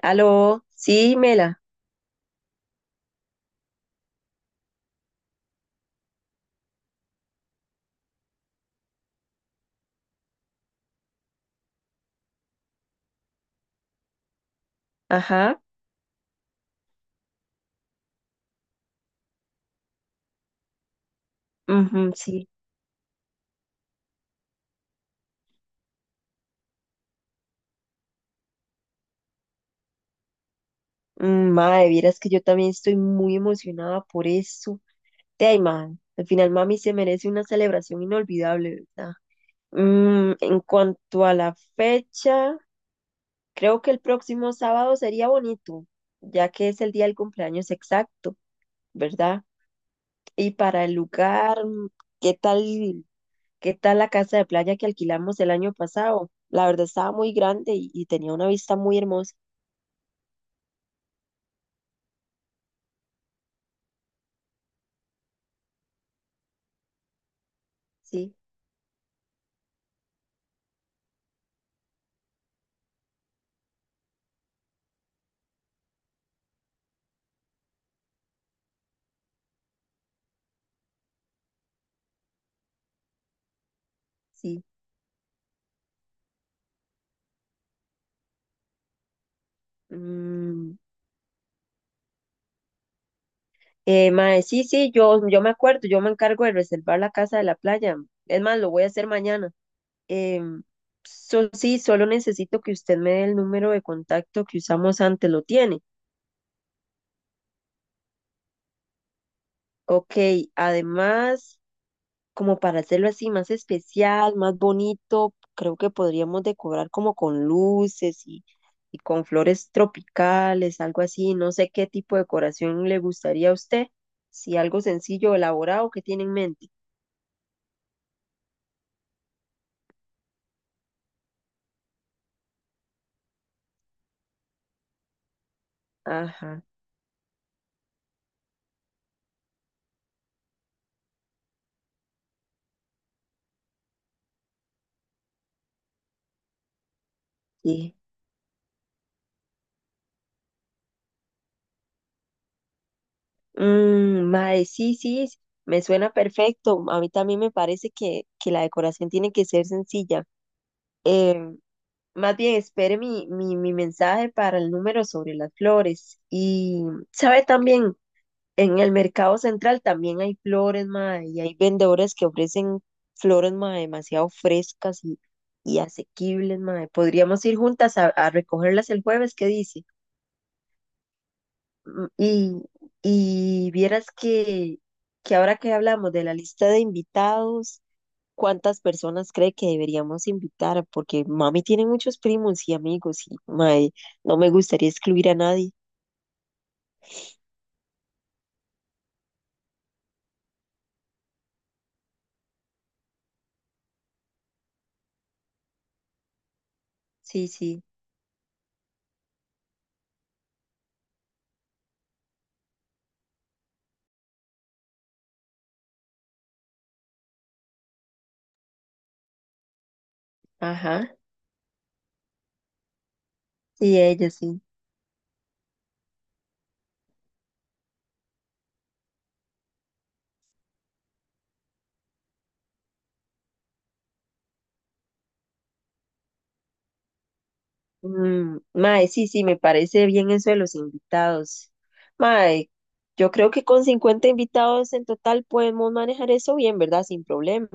Aló, sí, Mela, ajá, ujú, sí. Mae, vieras que yo también estoy muy emocionada por eso. De ahí, mae, al final mami se merece una celebración inolvidable, ¿verdad? En cuanto a la fecha, creo que el próximo sábado sería bonito, ya que es el día del cumpleaños exacto, ¿verdad? Y para el lugar, ¿qué tal, qué tal la casa de playa que alquilamos el año pasado? La verdad estaba muy grande y tenía una vista muy hermosa, sí. Sí. Mm, Mae, sí, sí, yo me acuerdo, yo me encargo de reservar la casa de la playa. Es más, lo voy a hacer mañana. Em, sí, solo necesito que usted me dé el número de contacto que usamos antes, ¿lo tiene? Ok, además, como para hacerlo así más especial, más bonito, creo que podríamos decorar como con luces y con flores tropicales, algo así. No sé qué tipo de decoración le gustaría a usted, si algo sencillo, elaborado que tiene en mente. Ajá, sí. Mae, sí, sí, me suena perfecto. A mí también me parece que la decoración tiene que ser sencilla. Eh, Más bien, espere mi mensaje para el número sobre las flores. Y, ¿sabe también? En el mercado central también hay flores, mae, y hay vendedores que ofrecen flores, mae, demasiado frescas y asequibles, mae. Podríamos ir juntas a recogerlas el jueves, ¿qué dice? Mm, Y, y vieras que ahora que hablamos de la lista de invitados, ¿cuántas personas cree que deberíamos invitar? Porque mami tiene muchos primos y amigos y mae, no me gustaría excluir a nadie. Sí, sí, ajá, sí, ella sí. Mae, sí, sí, me parece bien eso de los invitados. Mae, yo creo que con 50 invitados en total podemos manejar eso bien, ¿verdad? Sin problema.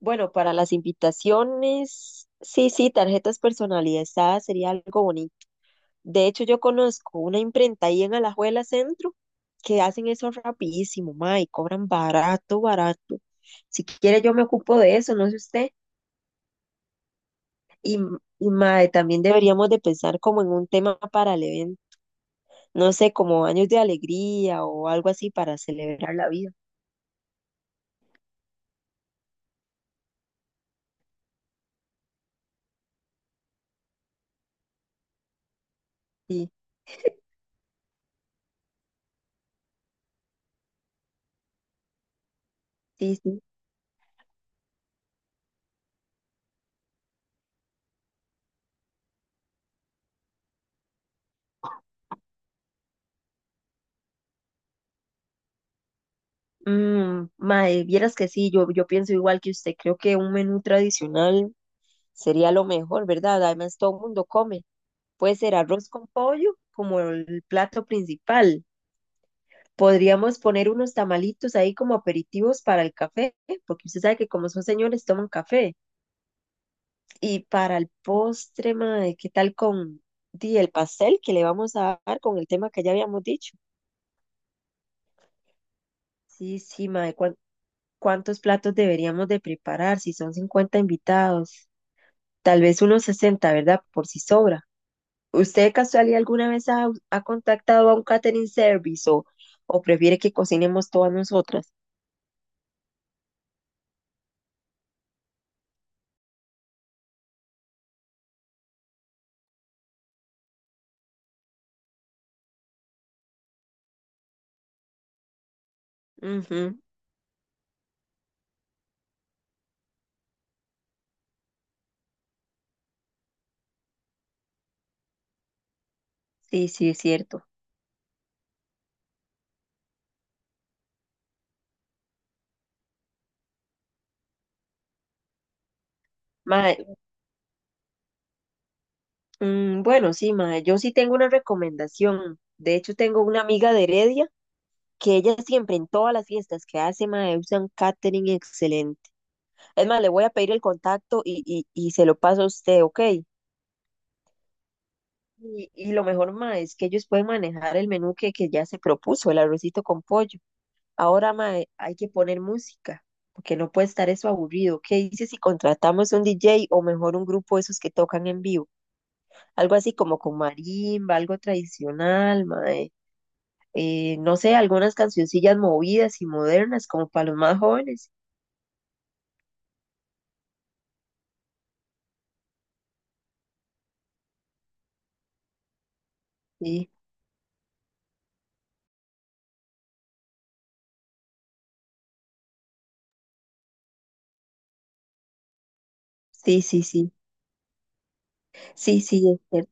Bueno, para las invitaciones, sí, sí, tarjetas personalizadas sería algo bonito. De hecho, yo conozco una imprenta ahí en Alajuela Centro que hacen eso rapidísimo, ma, y cobran barato, barato. Si quiere, yo me ocupo de eso, no sé usted. Y, y ma, también deberíamos de pensar como en un tema para el evento, no sé, como años de alegría o algo así para celebrar la vida. Sí, sí, sí. Mae, vieras que sí, yo pienso igual que usted, creo que un menú tradicional sería lo mejor, ¿verdad? Además, todo el mundo come. Puede ser arroz con pollo como el plato principal. Podríamos poner unos tamalitos ahí como aperitivos para el café, porque usted sabe que como son señores toman café. Y para el postre, mae, ¿qué tal con di, el pastel que le vamos a dar con el tema que ya habíamos dicho? Sí, sí, mae, ¿cuántos platos deberíamos de preparar si son 50 invitados? Tal vez unos 60, ¿verdad? Por si sobra. ¿Usted de casualidad alguna vez ha contactado a un catering service o prefiere que cocinemos todas nosotras? Ujú. Sí, sí, es cierto. Mae, bueno, sí, mae, yo sí tengo una recomendación. De hecho, tengo una amiga de Heredia que ella siempre en todas las fiestas que hace, mae, usa un catering excelente. Es más, le voy a pedir el contacto y se lo paso a usted, ¿ok? Y lo mejor, mae, es que ellos pueden manejar el menú que ya se propuso, el arrocito con pollo. Ahora, mae, hay que poner música, porque no puede estar eso aburrido. ¿Qué dices si contratamos un DJ o mejor un grupo de esos que tocan en vivo? Algo así como con marimba, algo tradicional, mae. No sé, algunas cancioncillas movidas y modernas, como para los más jóvenes. Sí, sí, sí, sí. Sí, sí, es cierto.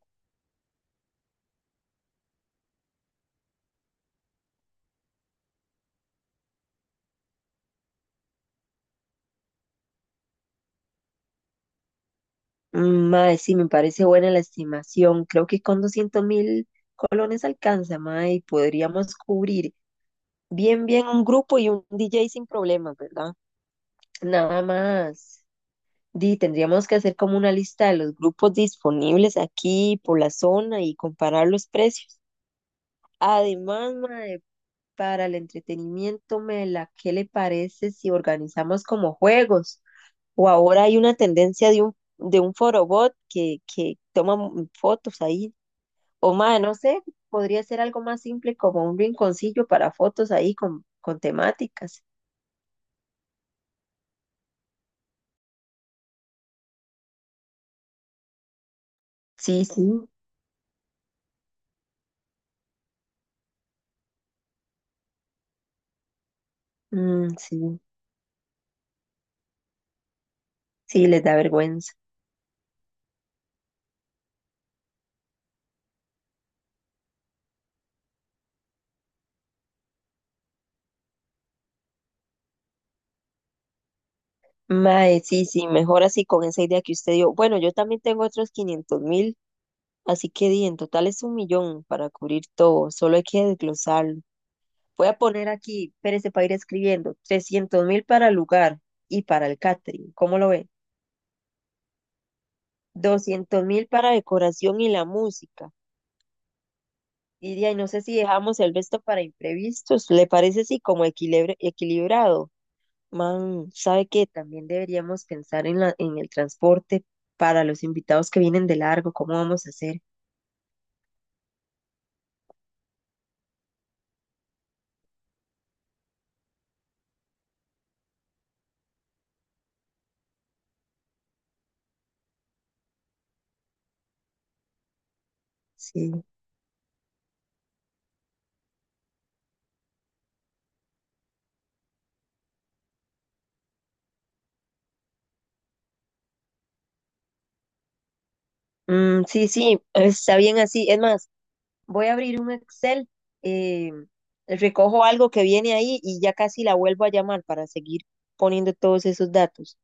Mae, sí, me parece buena la estimación. Creo que con 200.000 colones alcanza, mae, y podríamos cubrir bien, bien un grupo y un DJ sin problemas, ¿verdad? Nada más. Di, tendríamos que hacer como una lista de los grupos disponibles aquí por la zona y comparar los precios. Además, mae, para el entretenimiento, Mela, ¿qué le parece si organizamos como juegos? O ahora hay una tendencia de un forobot que toma fotos ahí. O mae, no sé, podría ser algo más simple como un rinconcillo para fotos ahí con temáticas. Sí, sí, mm, sí, sí, les da vergüenza. Mae, sí, sí, mejor así con esa idea que usted dio. Bueno, yo también tengo otros 500.000, así que di, en total es un millón para cubrir todo, solo hay que desglosarlo. Voy a poner aquí, espérese para ir escribiendo, 300.000 para el lugar y para el catering, ¿cómo lo ve? 200.000 para decoración y la música. Y de ahí no sé si dejamos el resto para imprevistos, ¿le parece así como equilibrado? Man, ¿sabe qué? También deberíamos pensar en en el transporte para los invitados que vienen de largo, ¿cómo vamos a hacer? Sí. Sí, sí, está bien así. Es más, voy a abrir un Excel, eh, recojo algo que viene ahí y ya casi la vuelvo a llamar para seguir poniendo todos esos datos.